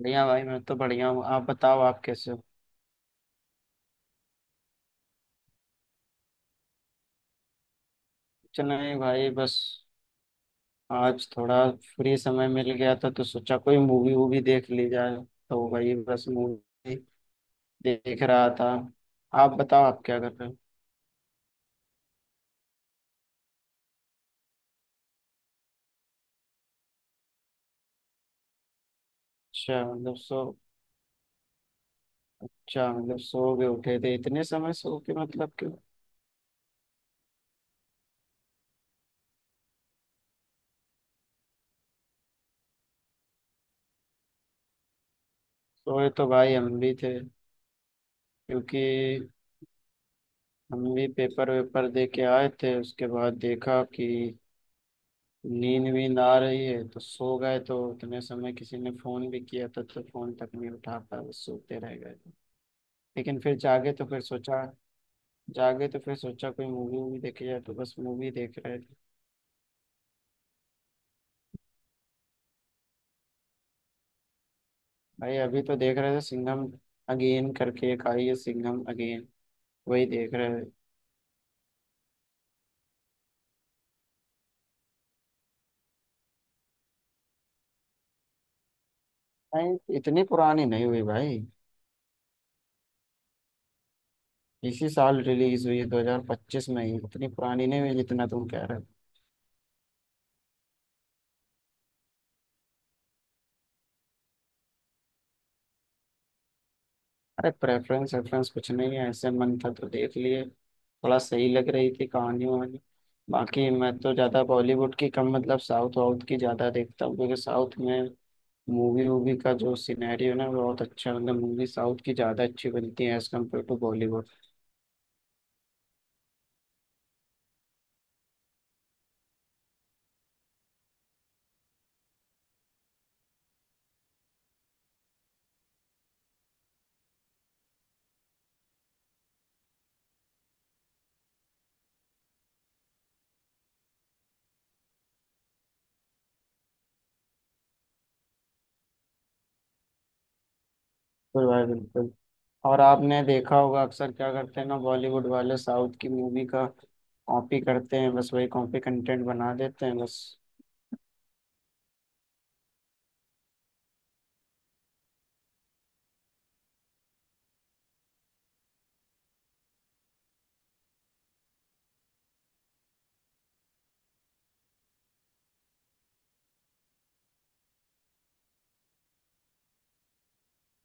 बढ़िया भाई, मैं तो बढ़िया हूँ। आप बताओ आप कैसे हो। कुछ नहीं भाई, बस आज थोड़ा फ्री समय मिल गया था तो सोचा कोई मूवी वूवी देख ली जाए। तो वही बस मूवी देख रहा था। आप बताओ आप क्या कर रहे हो। अच्छा मतलब सो अच्छा मतलब सो गए उठे थे, इतने समय सो के मतलब कि। सोए तो भाई हम भी थे, क्योंकि हम भी पेपर वेपर दे के आए थे। उसके बाद देखा कि नींद वींद आ रही है तो सो गए। तो उतने समय किसी ने फोन भी किया, तब तो फोन तक नहीं उठा पाया, बस सोते रह गए। लेकिन फिर जागे तो फिर सोचा कोई मूवी वूवी देखी जाए, तो बस मूवी देख रहे थे। भाई अभी तो देख रहे थे सिंघम अगेन करके एक आई है, सिंघम अगेन वही देख रहे थे। नहीं, इतनी पुरानी नहीं हुई भाई। इसी साल रिलीज हुई है 2025 में ही, इतनी पुरानी नहीं हुई जितना तुम कह रहे हो। अरे, प्रेफरेंस रेफरेंस कुछ नहीं है, ऐसे मन था तो देख लिए। थोड़ा सही लग रही थी कहानी वहानी। बाकी मैं तो ज़्यादा बॉलीवुड की कम, मतलब साउथ वाउथ की ज़्यादा देखता हूँ, क्योंकि साउथ में मूवी वूवी का जो सिनेरियो ना वो बहुत अच्छा है। मतलब मूवी साउथ की ज़्यादा अच्छी बनती है एज़ कम्पेयर टू बॉलीवुड। बिल्कुल भाई बिल्कुल। और आपने देखा होगा अक्सर क्या करते हैं ना, बॉलीवुड वाले साउथ की मूवी का कॉपी करते हैं, बस वही कॉपी कंटेंट बना देते हैं बस।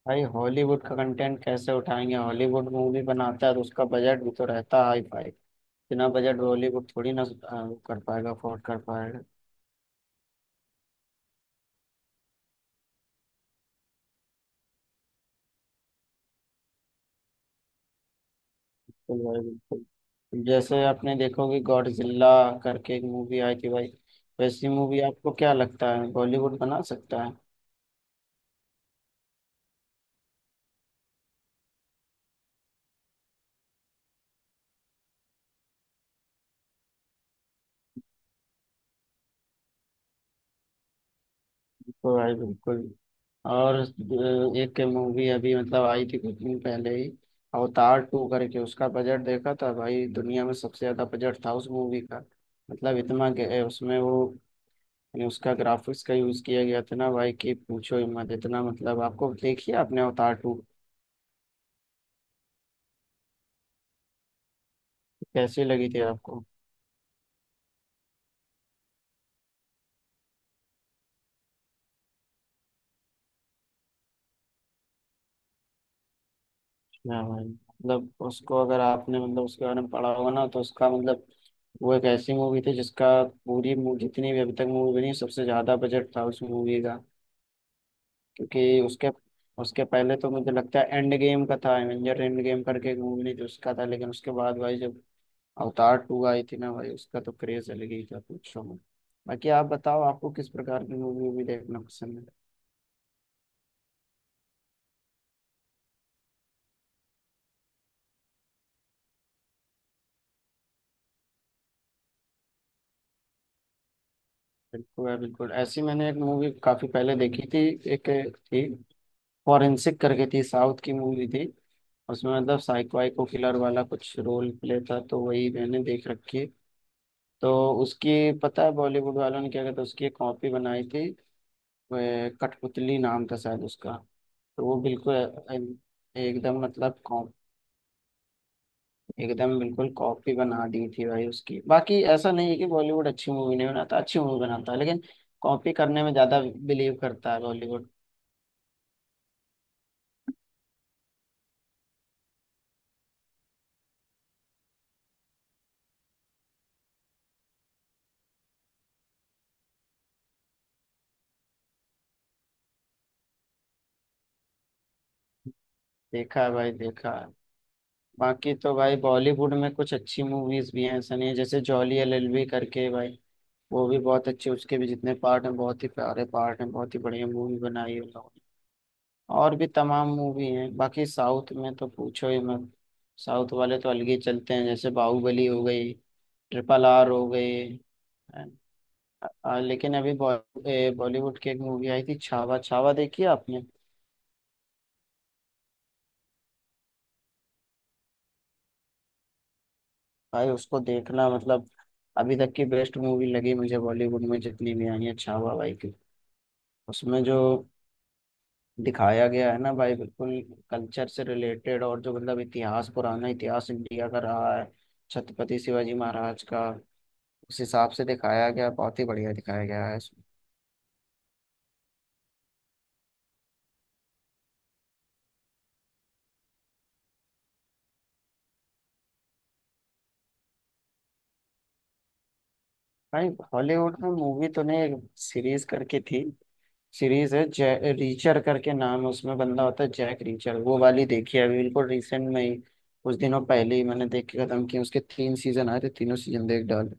भाई हॉलीवुड का कंटेंट कैसे उठाएंगे, हॉलीवुड मूवी बनाता है तो उसका बजट भी तो रहता है हाई फाई। बिना बजट हॉलीवुड थोड़ी ना वो कर पाएगा, अफोर्ड कर पाएगा। बिल्कुल भाई बिल्कुल, जैसे आपने देखोगे गॉडजिला करके एक मूवी आई थी भाई। वैसी मूवी आपको क्या लगता है बॉलीवुड बना सकता है। तो भाई बिल्कुल। और एक मूवी अभी मतलब आई थी कुछ दिन पहले ही, अवतार टू करके। उसका बजट देखा था भाई, दुनिया में सबसे ज्यादा बजट था उस मूवी का। मतलब इतना उसमें वो, यानी उसका ग्राफिक्स का यूज किया गया था ना भाई कि पूछो ही मत। इतना मतलब, आपको देखिए, आपने अवतार टू कैसी लगी थी आपको। हाँ भाई, मतलब उसको अगर आपने, मतलब उसके बारे में पढ़ा होगा ना तो उसका मतलब वो एक ऐसी मूवी थी जितनी भी अभी तक मूवी बनी है, सबसे ज्यादा बजट था उस मूवी का। क्योंकि उसके उसके पहले तो मुझे लगता है एंड गेम का था, एवेंजर एंड गेम करके एक मूवी नहीं थी, उसका था। लेकिन उसके बाद भाई जब अवतार टू आई थी ना भाई, उसका तो क्रेज अलग ही था, पूछो मत। बाकी आप बताओ आपको किस प्रकार की मूवी भी देखना पसंद है। बिल्कुल है, बिल्कुल ऐसी मैंने एक मूवी काफी पहले देखी थी, एक थी फॉरेंसिक करके। थी साउथ की मूवी थी। उसमें मतलब साइको वाइको किलर वाला कुछ रोल प्ले था, तो वही मैंने देख रखी है। तो उसकी, पता है, बॉलीवुड वालों ने क्या कहता, उसकी एक कॉपी बनाई थी वो, कठपुतली नाम था शायद उसका। तो वो बिल्कुल एकदम मतलब एकदम बिल्कुल कॉपी बना दी थी भाई उसकी। बाकी ऐसा नहीं है कि बॉलीवुड अच्छी मूवी नहीं बनाता, अच्छी मूवी बनाता है, लेकिन कॉपी करने में ज्यादा बिलीव करता है बॉलीवुड। देखा है भाई, देखा है। बाकी तो भाई बॉलीवुड में कुछ अच्छी मूवीज भी हैं, ऐसा नहीं है। जैसे जॉली एलएलबी करके भाई, वो भी बहुत अच्छी, उसके भी जितने पार्ट हैं बहुत ही प्यारे पार्ट हैं, बहुत ही बढ़िया मूवी बनाई है। और भी तमाम मूवी हैं। बाकी साउथ में तो पूछो ही मत, साउथ वाले तो अलग ही चलते हैं। जैसे बाहुबली हो गई, ट्रिपल आर हो गई, अ, लेकिन अभी बॉलीवुड की एक मूवी आई थी छावा। छावा देखी है आपने। भाई उसको देखना, मतलब अभी तक की बेस्ट मूवी लगी मुझे बॉलीवुड में जितनी भी आई है। छावा भाई की, उसमें जो दिखाया गया है ना भाई, बिल्कुल कल्चर से रिलेटेड, और जो मतलब इतिहास, पुराना इतिहास इंडिया का रहा है छत्रपति शिवाजी महाराज का, उस हिसाब से दिखाया गया। बहुत ही बढ़िया दिखाया गया है इसमें। भाई हॉलीवुड में मूवी तो नहीं, एक सीरीज करके थी। सीरीज है जै रीचर करके नाम है, उसमें बंदा होता है जैक रीचर। वो वाली देखी है अभी बिल्कुल रिसेंट में ही, कुछ दिनों पहले ही मैंने देख के खत्म की। उसके 3 सीजन आए थे, तीनों सीजन देख डाल।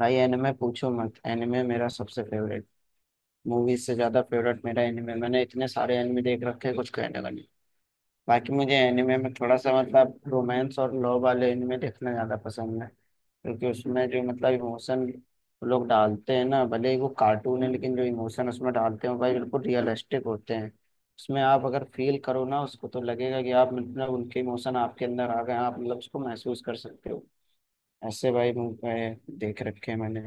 भाई एनिमे पूछो मत, एनिमे मेरा सबसे फेवरेट, मूवीज से ज्यादा फेवरेट मेरा एनिमे। मैंने इतने सारे एनिमे देख रखे हैं, कुछ कहने का नहीं। बाकी मुझे एनिमे में थोड़ा सा मतलब रोमांस और लव वाले एनिमे देखना ज़्यादा पसंद है, क्योंकि उसमें जो मतलब इमोशन लोग डालते हैं ना, भले ही वो कार्टून है, लेकिन जो इमोशन उसमें डालते हैं वो भाई बिल्कुल रियलिस्टिक होते हैं। उसमें आप अगर फील करो ना उसको तो लगेगा कि आप मतलब उनके इमोशन आपके अंदर आ गए हैं, आप मतलब उसको महसूस कर सकते हो। ऐसे भाई मुझे देख रखे हैं मैंने।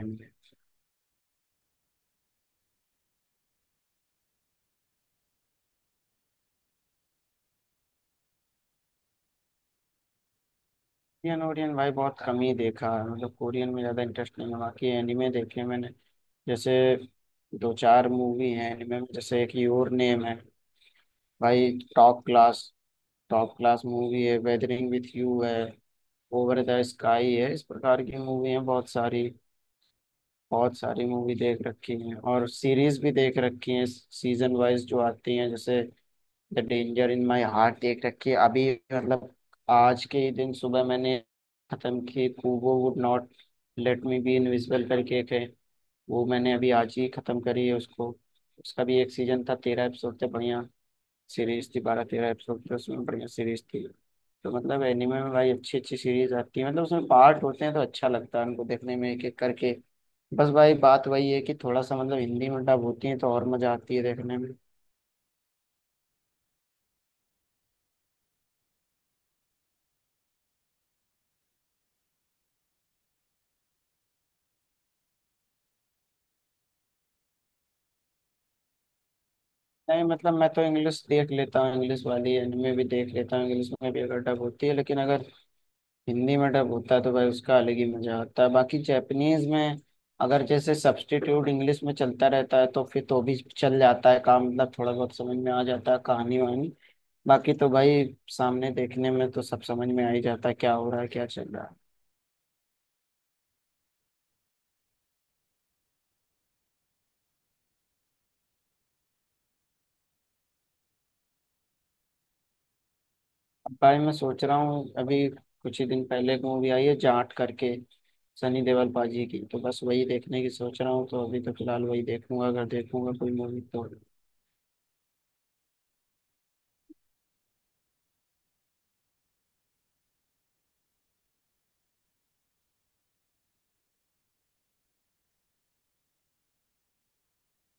कोरियन ओरियन भाई बहुत कम ही देखा है, मतलब कोरियन में ज़्यादा इंटरेस्ट नहीं है। बाकी एनिमे देखे हैं मैंने, जैसे दो चार मूवी हैं एनिमे में। जैसे एक योर नेम है भाई, top class. Top class movie है। वेदरिंग विथ यू है, ओवर द स्काई है, इस प्रकार की मूवी हैं बहुत सारी। बहुत सारी मूवी देख रखी हैं और सीरीज भी देख रखी हैं सीजन वाइज जो आती हैं। जैसे the danger in my heart देख रखी है अभी, मतलब आज के ही दिन सुबह मैंने खत्म की। Kubo would not let me be invisible करके एक है, वो मैंने अभी आज ही खत्म करी है उसको। उसका भी एक सीजन था, 13 एपिसोड थे, बढ़िया सीरीज थी। 12-13 एपिसोड थे उसमें, बढ़िया सीरीज थी। तो मतलब एनिमे में भाई अच्छी अच्छी सीरीज आती है, मतलब उसमें पार्ट होते हैं तो अच्छा लगता है उनको देखने में एक एक करके। बस भाई बात वही है कि थोड़ा सा मतलब हिंदी में डब होती है तो और मजा आती है देखने में। नहीं मतलब, मैं तो इंग्लिश देख लेता हूँ, इंग्लिश वाली एनिमे भी देख लेता हूँ इंग्लिश में भी अगर डब होती है। लेकिन अगर हिंदी में डब होता है तो भाई उसका अलग ही मजा आता है। बाकी जैपनीज में अगर जैसे सब्स्टिट्यूट इंग्लिश में चलता रहता है तो फिर तो भी चल जाता है काम, मतलब थोड़ा बहुत समझ में आ जाता है कहानी वहानी। बाकी तो भाई सामने देखने में तो सब समझ में आ ही जाता है, क्या हो रहा है क्या चल रहा है। भाई मैं सोच रहा हूँ, अभी कुछ ही दिन पहले एक मूवी आई है जाट करके, सनी देओल पाजी की, तो बस वही देखने की सोच रहा हूँ। तो अभी तो फिलहाल वही देखूंगा, अगर देखूंगा कोई मूवी तो।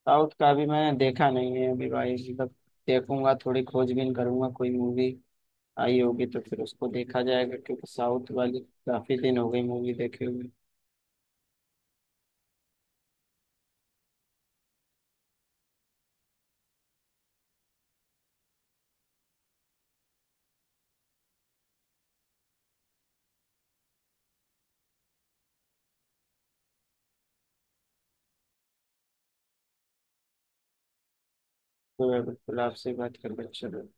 साउथ का अभी मैंने देखा नहीं है अभी भाई, मतलब देखूंगा। थोड़ी खोजबीन करूंगा, कोई मूवी आई होगी तो फिर उसको देखा जाएगा, क्योंकि साउथ वाली काफी दिन हो गई मूवी देखे हुए। तो मैं बिल्कुल आपसे बात कर बच्चे